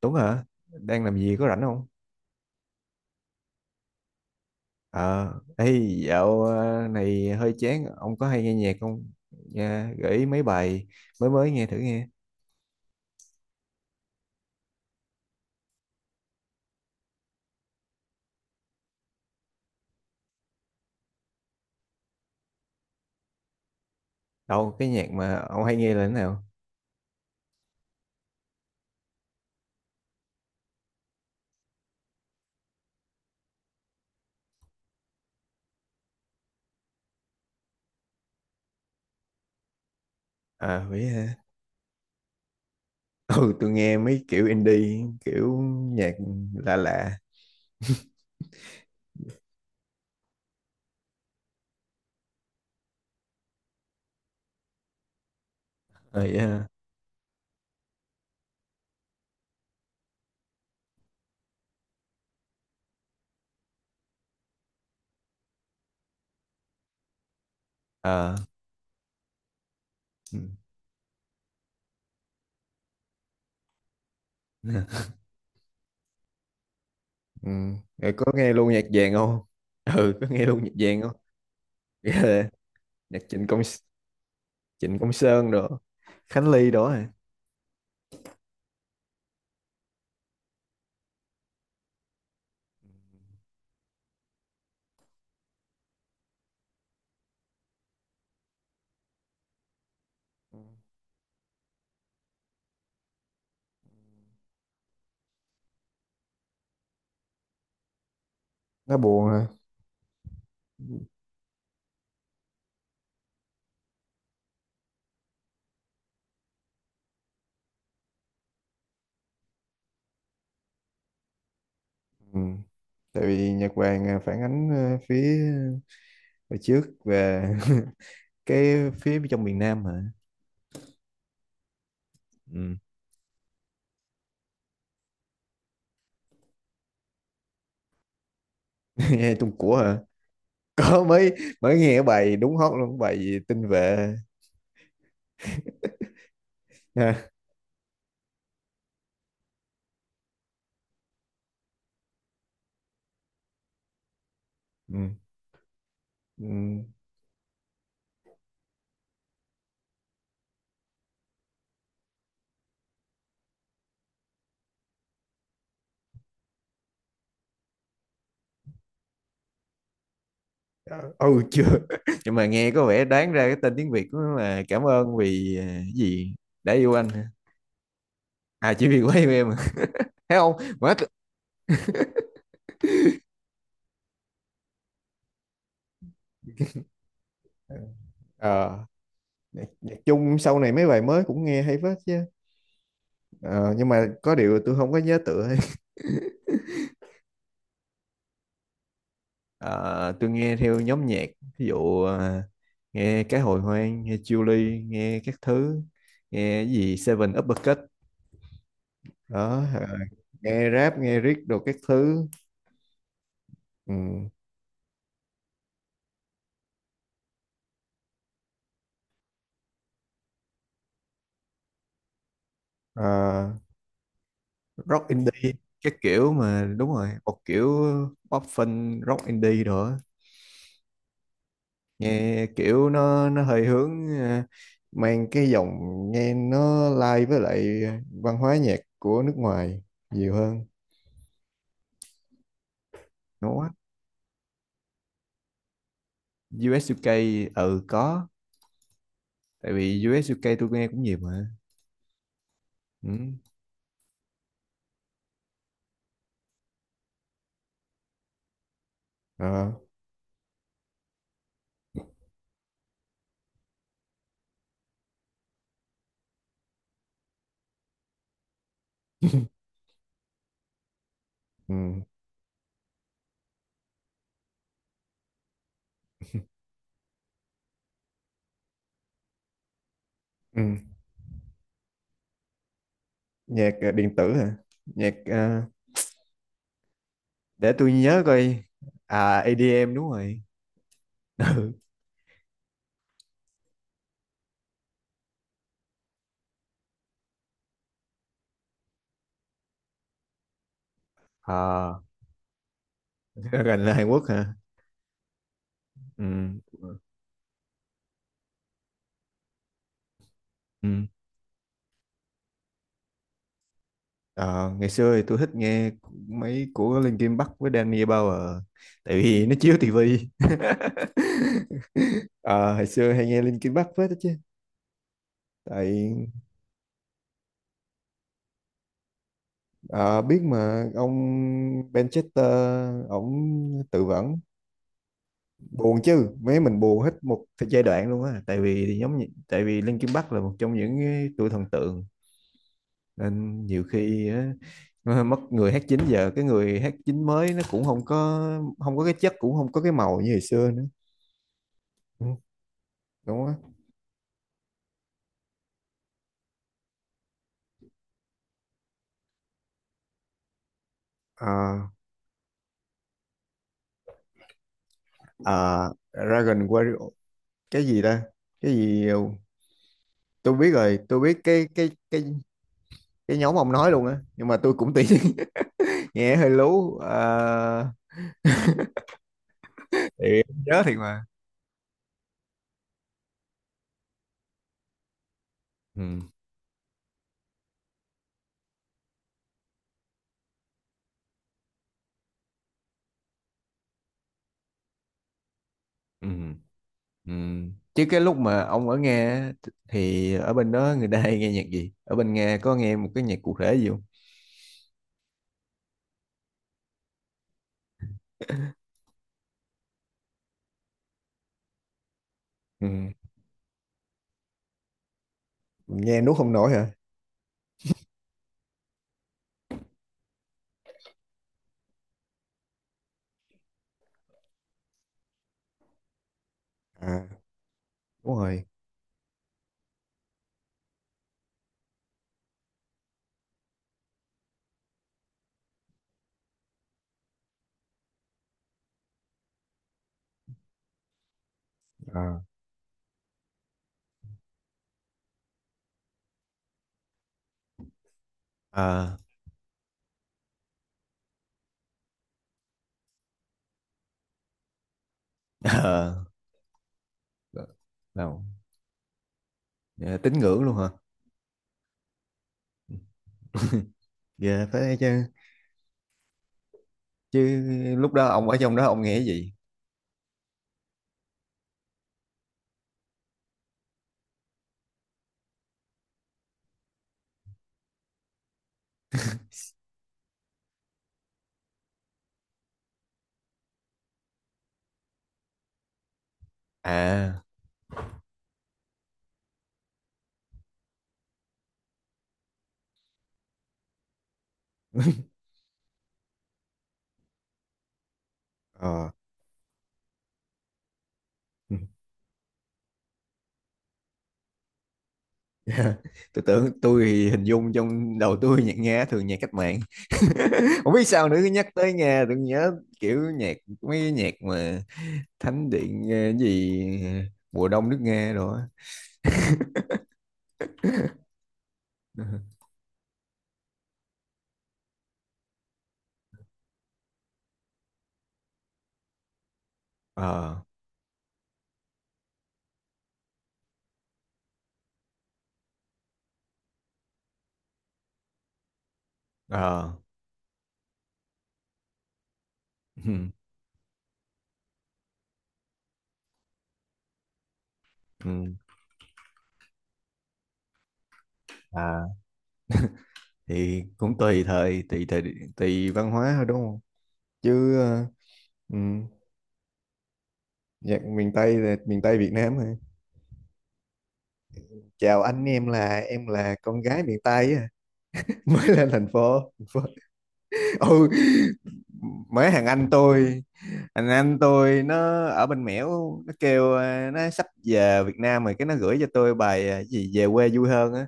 Tuấn hả? Đang làm gì có rảnh không? Ờ, ê, dạo này hơi chán, ông có hay nghe nhạc không? Nha, gợi ý mấy bài mới mới nghe thử nghe. Đâu, cái nhạc mà ông hay nghe là thế nào? À, vậy hả? Ừ, tôi nghe mấy kiểu indie, kiểu nhạc lạ lạ. Ờ, Vậy hả? Ờ, ừ. Ừ. Rồi có nghe luôn nhạc vàng không? Ừ, có nghe luôn nhạc vàng không? Ghê. Nhạc Trịnh Công Sơn đó, Khánh Ly đó hả? Nó buồn hả? Ừ. Tại vì Nhật Bản à, phản ánh à, phía à, hồi trước và cái phía trong miền Nam hả? Ừ. Nghe Trung của hả? Có mới mới nghe bài đúng hot luôn bài gì tinh vệ ha. Ừ. Ừ. Ừ chưa. Nhưng mà nghe có vẻ đoán ra cái tên tiếng Việt của nó là cảm ơn vì à, cái gì đã yêu anh hả? À, chỉ vì quá yêu em hả? Thấy không quá, ờ Nhạc Nhạc Trung sau này mấy bài mới cũng nghe hay phết chứ. Ờ, nhưng mà có điều tôi không có nhớ tựa ấy. Ờ, tôi nghe theo nhóm nhạc, ví dụ à, nghe cái hồi hoang, nghe Julie, nghe các thứ, nghe cái gì Seven Uppercut đó, nghe rap nghe riết đồ các thứ. Ừ. Ờ, Rock indie các kiểu mà, đúng rồi, một kiểu pop fun rock indie rồi á. Nghe kiểu nó hơi hướng à, mang cái dòng, nghe nó lai với lại văn hóa nhạc của nước ngoài nhiều hơn. Ngố quá. US UK, ừ có, tại vì US UK tôi nghe cũng nhiều mà. Ừ. Ờ. Ừ. Ừ. Nhạc điện tử hả? Nhạc để tôi nhớ coi. À, EDM đúng rồi. Ừ. À, gần là Hàn Quốc hả? Ừ. Ừ. Ừ. Ờ, Ngày xưa thì tôi thích nghe mấy của Linkin Park với Danny Bauer, tại vì nó chiếu tivi. Ờ, Hồi xưa hay nghe Linkin Park phết đó chứ. Tại Ờ, Biết mà ông, Manchester ổng tự vẫn, buồn chứ, mấy mình buồn hết một thời giai đoạn luôn á, tại vì thì giống như, tại vì Linkin Park là một trong những cái tụi thần tượng, nên nhiều khi á, nó mất người hát chính, giờ cái người hát chính mới nó cũng không có cái chất, cũng không có cái màu như hồi xưa nữa. Ừ, đúng á. Ờ, ờ, Dragon Warrior, cái gì ta, cái gì. Tôi biết rồi, tôi biết cái nhóm ông nói luôn á, nhưng mà tôi cũng tiếc. Nghe hơi lú, thì không nhớ thiệt mà. Ừ, ừ, ừ. Chứ cái lúc mà ông ở Nga á, thì ở bên đó người ta hay nghe nhạc gì, ở bên Nga có nghe một cái nhạc cụ thể gì không? Ừ. Nghe nuốt không nổi hả? À, đúng rồi. À, ờ ờ đâu. Ờ, Tín ngưỡng luôn hả? Ghê phải chứ chứ lúc đó ông ở trong đó ông nghe cái gì? À, ờ tôi thì hình dung trong đầu tôi, nhạc Nga thường nhạc cách mạng. Không biết sao nữa, cứ nhắc tới Nga tôi nhớ kiểu nhạc, mấy cái nhạc mà thánh điện, cái gì mùa đông nước Nga rồi á. ờ ờ ừ, ừ, à thì cũng tùy thời, tùy thời, tùy văn hóa thôi, đúng không chứ? Ờ, ừ. Nhạc miền Tây là miền Tây Việt Nam hả? Chào anh em, là em là con gái miền Tây á. Mới lên thành phố. Ừ, mới thằng anh tôi nó ở bên Mẻo. Nó kêu à, nó sắp về Việt Nam rồi, cái nó gửi cho tôi bài à, gì về quê vui hơn á,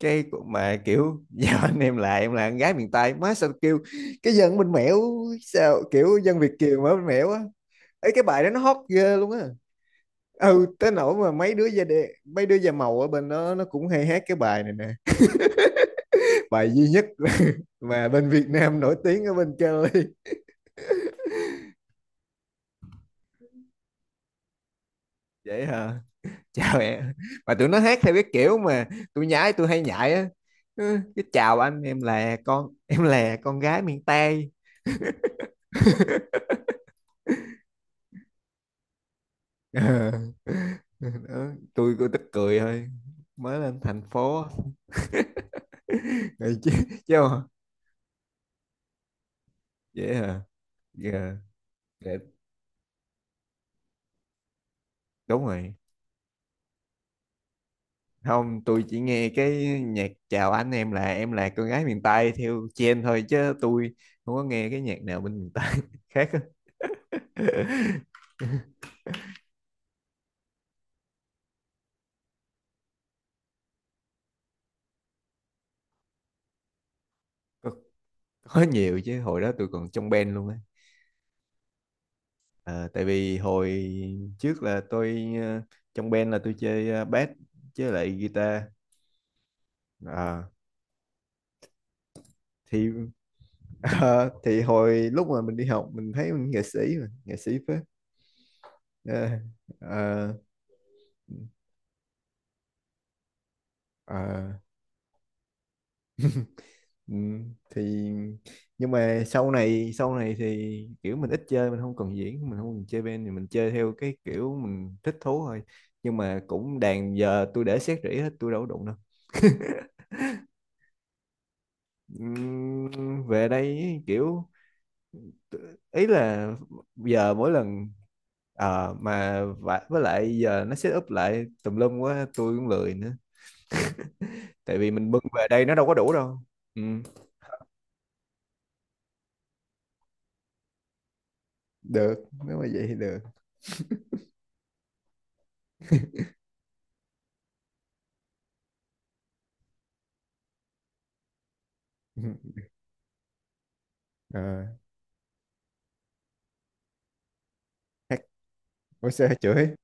cái cuộc mà kiểu giao anh em lại, em là con gái miền Tây, má sao kêu cái dân bên Mẻo, sao kiểu dân Việt kiều mà ở bên Mẻo á. Ấy, cái bài đó nó hot ghê luôn á. Ừ, tới nỗi mà mấy đứa da đen, mấy đứa da màu ở bên đó nó cũng hay hát cái bài này nè, bài duy nhất mà bên Việt Nam nổi tiếng ở bên Cali. Vậy hả? Chào em, mà tụi nó hát theo cái kiểu mà tôi nhái, tôi hay nhại á. Ừ, cái chào anh em là con, em là con gái miền Tây. Ờ. Đó, tôi cứ tức cười thôi, mới lên thành phố. Ừ, chứ chứ mà- vậy hả? Dạ, dạ, đúng rồi. Không, tôi chỉ nghe cái nhạc chào anh em là con gái miền Tây theo trend thôi, chứ tôi không có nghe cái nhạc nào bên miền Tây khác á. Có Có nhiều chứ, hồi đó tôi còn trong band luôn á. Ờ, Tại vì hồi trước là tôi, trong band là tôi chơi bass chứ lại guitar. Ờ, thì ờ, thì hồi lúc mà mình đi học mình thấy mình nghệ sĩ mà, nghệ sĩ phết. Ờ, ờ, ờ, thì nhưng mà sau này thì kiểu mình ít chơi, mình không còn diễn, mình không còn chơi band thì mình chơi theo cái kiểu mình thích thú thôi. Nhưng mà cũng đàn giờ tôi để xét rỉ hết, tôi đâu có đụng đâu. Về đây ý, kiểu ý là giờ mỗi lần, với lại giờ nó set up lại tùm lum quá, tôi cũng lười nữa. Tại vì mình bưng về đây nó đâu có đủ đâu. Ừ, được, nếu mà vậy thì được. Ờ, hát, Ủa sao chửi?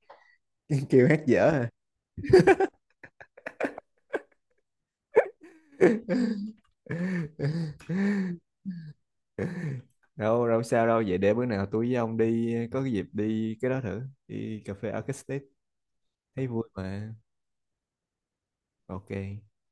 Kêu hát dở à? Đâu đâu sao đâu, vậy để bữa nào tôi với ông đi có cái dịp đi cái đó thử, đi cà phê Arcade State thấy vui mà. Ok.